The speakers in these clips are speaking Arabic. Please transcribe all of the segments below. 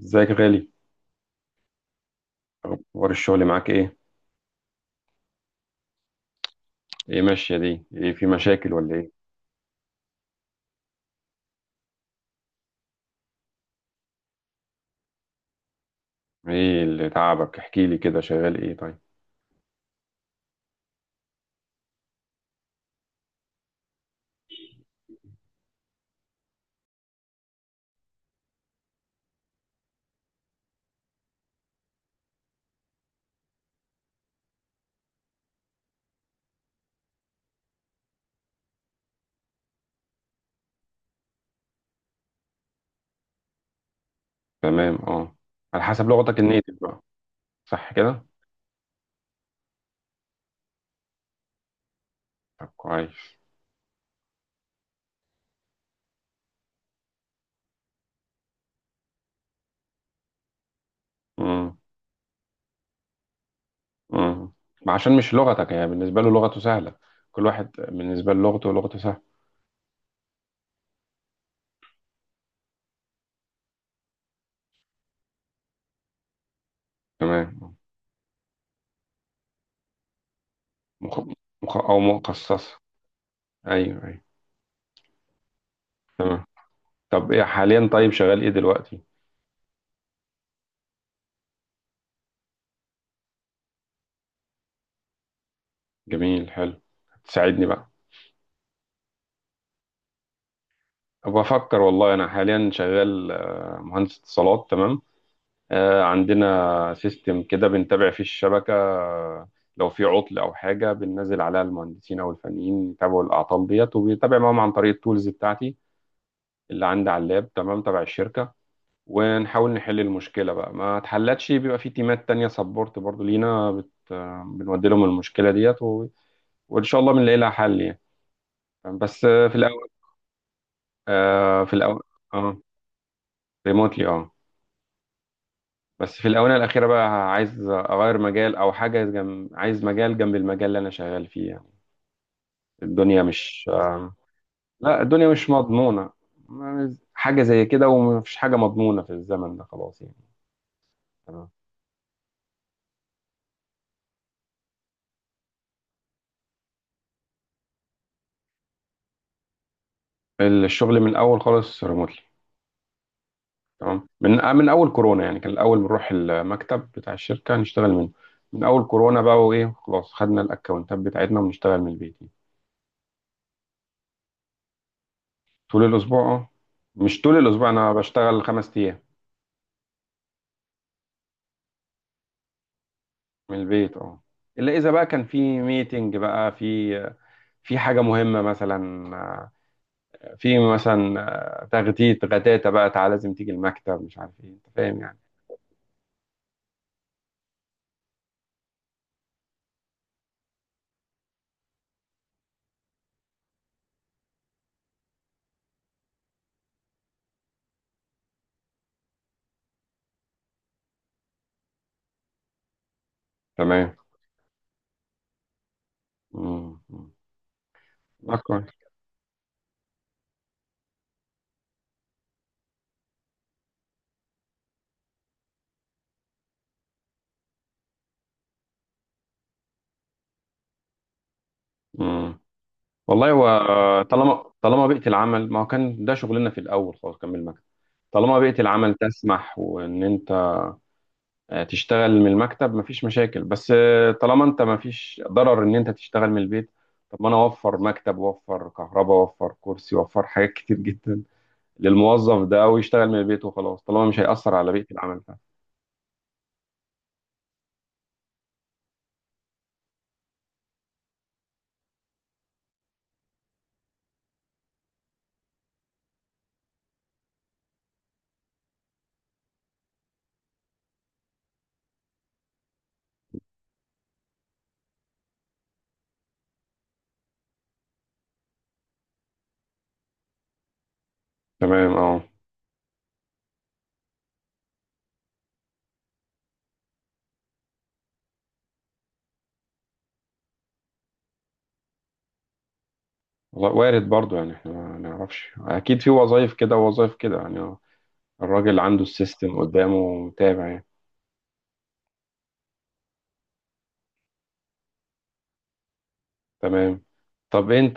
ازيك يا غالي؟ اخبار الشغل معاك ايه؟ ايه ماشيه دي؟ ايه، في مشاكل ولا ايه؟ ايه اللي تعبك؟ احكي لي كده، شغال ايه طيب؟ تمام، اه. على حسب لغتك النيتف بقى. صح كده؟ طب كويس. امم. امم. ما عشان مش لغتك، يعني بالنسبه له لغته سهله. كل واحد بالنسبه له لغته سهله. تمام. مخ... مخ... او مخصصه. ايوه، ايوه. تمام. طب ايه حاليا؟ طيب، شغال ايه دلوقتي؟ جميل، حلو. تساعدني بقى. بفكر والله، انا حاليا شغال مهندس اتصالات. تمام. عندنا سيستم كده بنتابع فيه الشبكة. لو في عطل أو حاجة بننزل عليها المهندسين أو الفنيين، يتابعوا الأعطال ديت وبيتابع معاهم عن طريق التولز بتاعتي اللي عندي على اللاب، تمام، تبع الشركة. ونحاول نحل المشكلة، بقى ما اتحلتش بيبقى في تيمات تانية سبورت برضو لينا، بت... آه، بنودي لهم المشكلة ديت و... وإن شاء الله بنلاقي لها حل يعني. بس، في الأول. آه، في الأول اه، ريموتلي، اه. بس في الآونة الأخيرة بقى عايز أغير مجال أو حاجة جنب، عايز مجال جنب المجال اللي أنا شغال فيه يعني. الدنيا مش آه، لا، الدنيا مش مضمونة. حاجة زي كده، ومفيش حاجة مضمونة في الزمن ده خلاص يعني. تمام. الشغل من الأول خالص ريموتلي. تمام. من أول كورونا يعني كان الأول بنروح المكتب بتاع الشركة نشتغل منه. من أول كورونا بقى، وإيه خلاص خدنا الأكونتات بتاعتنا ونشتغل من البيت يعني. طول الأسبوع، أه. مش طول الأسبوع، أنا بشتغل 5 أيام من البيت، اه. الا اذا بقى كان في ميتنج، بقى في حاجه مهمه مثلا. آه، في مثلا تغتيت غتاتة بقى، تعالى لازم تيجي المكتب، مش عارف ايه، انت فاهم يعني. تمام. امم. ده كويس. امم. والله هو طالما بيئه العمل، ما هو كان ده شغلنا في الاول خالص، كان من المكتب. طالما بيئه العمل تسمح وان انت تشتغل من المكتب مفيش مشاكل. بس طالما انت مفيش ضرر ان انت تشتغل من البيت. طب ما انا اوفر مكتب واوفر كهرباء واوفر كرسي واوفر حاجات كتير جدا للموظف ده، او يشتغل من البيت وخلاص طالما مش هيأثر على بيئة العمل بتاعته. تمام، اه. والله وارد برضو، يعني احنا ما نعرفش اكيد، في وظائف كده ووظائف كده يعني، اه. الراجل عنده السيستم قدامه متابع يعني. تمام. طب انت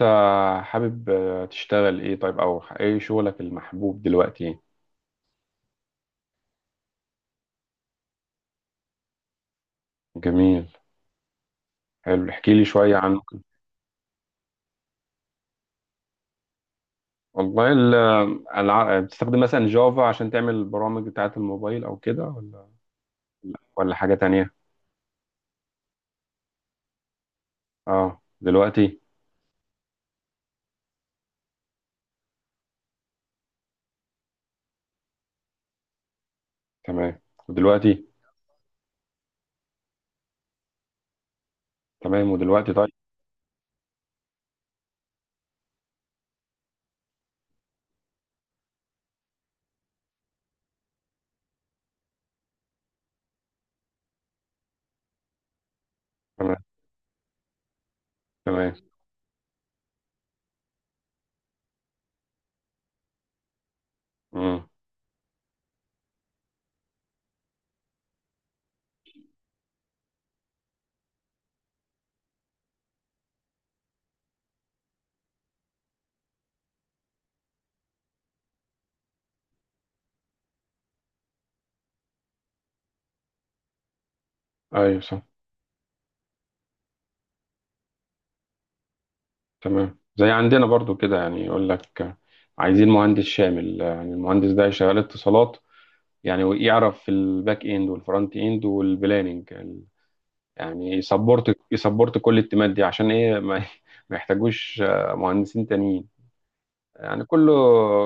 حابب تشتغل ايه طيب، او ايه شغلك المحبوب دلوقتي؟ جميل، حلو، احكي لي شوية عنه كده. والله بتستخدم مثلا جافا عشان تعمل البرامج بتاعة الموبايل أو كده، ولا ولا حاجة تانية؟ اه، دلوقتي. تمام، ودلوقتي. تمام، ودلوقتي طيب. تمام. تمام. امم. ايوه، صح. تمام. زي عندنا برضو كده، يعني يقول لك عايزين مهندس شامل، يعني المهندس ده شغال اتصالات، يعني، ويعرف في الباك اند والفرونت اند والبلاننج، يعني يسبورت كل التيمات دي، عشان ايه، ما ما يحتاجوش مهندسين تانيين. يعني كله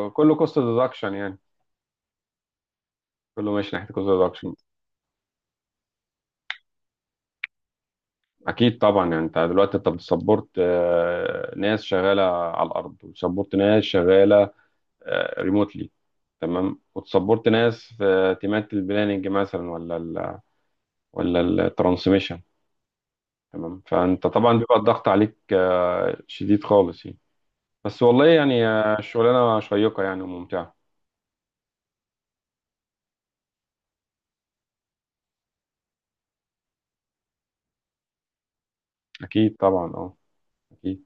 كله كوست ديدكشن يعني، كله ماشي ناحيه كوست ديدكشن. اكيد طبعا. يعني انت دلوقتي بتسبورت ناس شغاله على الارض، وتسبورت ناس شغاله ريموتلي. تمام. وتسبورت ناس في تيمات البلاننج مثلا، ولا الترانسميشن. تمام. فانت طبعا بيبقى الضغط عليك شديد خالص يعني. بس والله يعني الشغلانه شيقه يعني وممتعه. اكيد طبعا، اه. اكيد.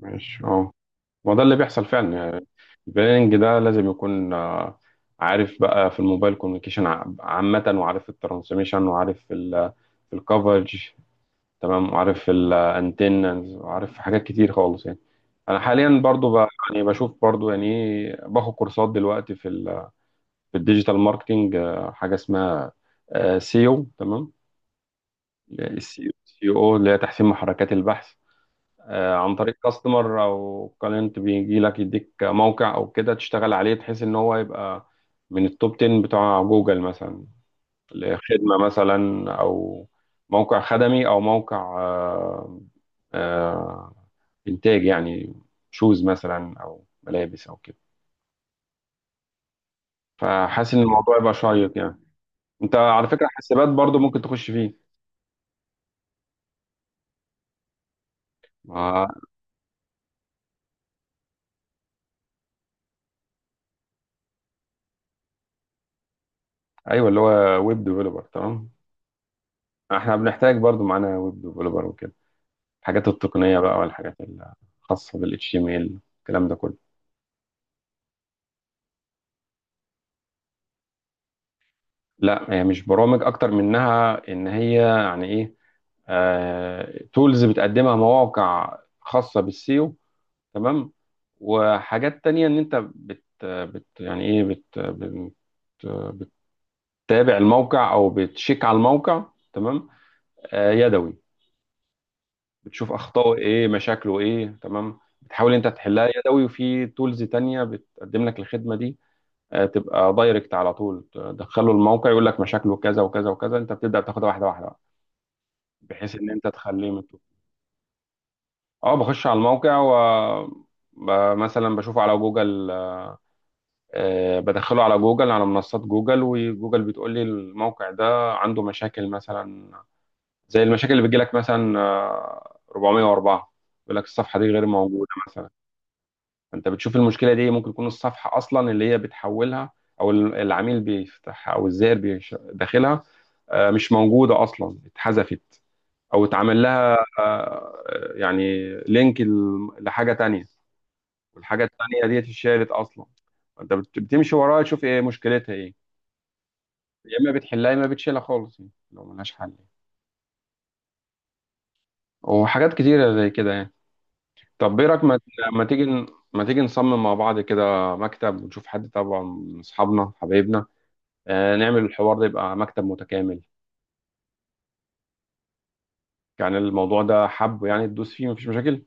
ماشي، اه. ما ده اللي بيحصل فعلا يعني. البلاننج ده لازم يكون عارف بقى في الموبايل كوميونيكيشن عامة، وعارف الترانسميشن، وعارف في الكفرج. تمام، وعارف الانتنز، وعارف حاجات كتير خالص يعني. انا حاليا برضو يعني بشوف برضو، يعني إيه، باخد كورسات دلوقتي في في الديجيتال ماركتنج. حاجة اسمها سيو، تمام. السي او اللي هي تحسين محركات البحث، عن طريق كاستمر او كلاينت بيجي لك يديك موقع او كده تشتغل عليه، بحيث ان هو يبقى من التوب 10 بتوع جوجل مثلا، لخدمة مثلا، او موقع خدمي، او موقع آه، انتاج يعني، شوز مثلا او ملابس او كده. فحاسس ان الموضوع يبقى شيق يعني. انت على فكرة حسابات برضو ممكن تخش فيه. ما- ايوه، اللي هو ويب ديفلوبر، تمام. احنا بنحتاج برضو معانا ويب ديفلوبر وكده، الحاجات التقنية بقى، والحاجات الخاصة بال HTML، الكلام ده كله. لا، هي مش برامج، أكتر منها إن هي يعني إيه، تولز بتقدمها مواقع خاصة بالسيو. تمام. وحاجات تانية إن أنت بت, بت يعني إيه بت, بت بتتابع الموقع أو بتشيك على الموقع. تمام. يدوي. بتشوف أخطائه إيه، مشاكله إيه، تمام، بتحاول أنت تحلها يدوي، وفي تولز تانية بتقدم لك الخدمة دي. تبقى دايركت على طول تدخله الموقع، يقول لك مشاكله كذا وكذا وكذا، انت بتبدا تاخدها واحده واحده بقى، بحيث ان انت تخليه اه، بخش على الموقع و مثلا بشوفه على جوجل. بدخله على جوجل، على منصات جوجل، وجوجل بتقول لي الموقع ده عنده مشاكل مثلا، زي المشاكل اللي بتجيلك مثلا، 404، يقول لك الصفحه دي غير موجوده مثلا. انت بتشوف المشكله دي، ممكن تكون الصفحه اصلا اللي هي بتحولها، او العميل بيفتحها، او الزائر داخلها، مش موجوده اصلا، اتحذفت او اتعمل لها، يعني لينك لحاجه تانية، والحاجه التانية دي اتشالت اصلا. انت بتمشي وراها تشوف ايه مشكلتها، ايه، يا اما بتحلها يا اما بتشيلها خالص يعني، لو ملهاش حل يعني. وحاجات كتيره زي كده يعني. طب ايه رايك، ما تيجي ما تيجي نصمم مع بعض كده مكتب، ونشوف حد طبعا من اصحابنا حبايبنا، نعمل الحوار ده، يبقى مكتب متكامل. يعني الموضوع ده حب، يعني تدوس فيه مفيش مشاكل.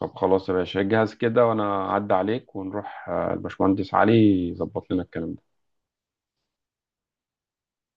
طب خلاص يا باشا، جهز كده وانا اعدي عليك، ونروح الباشمهندس علي يظبط لنا الكلام ده.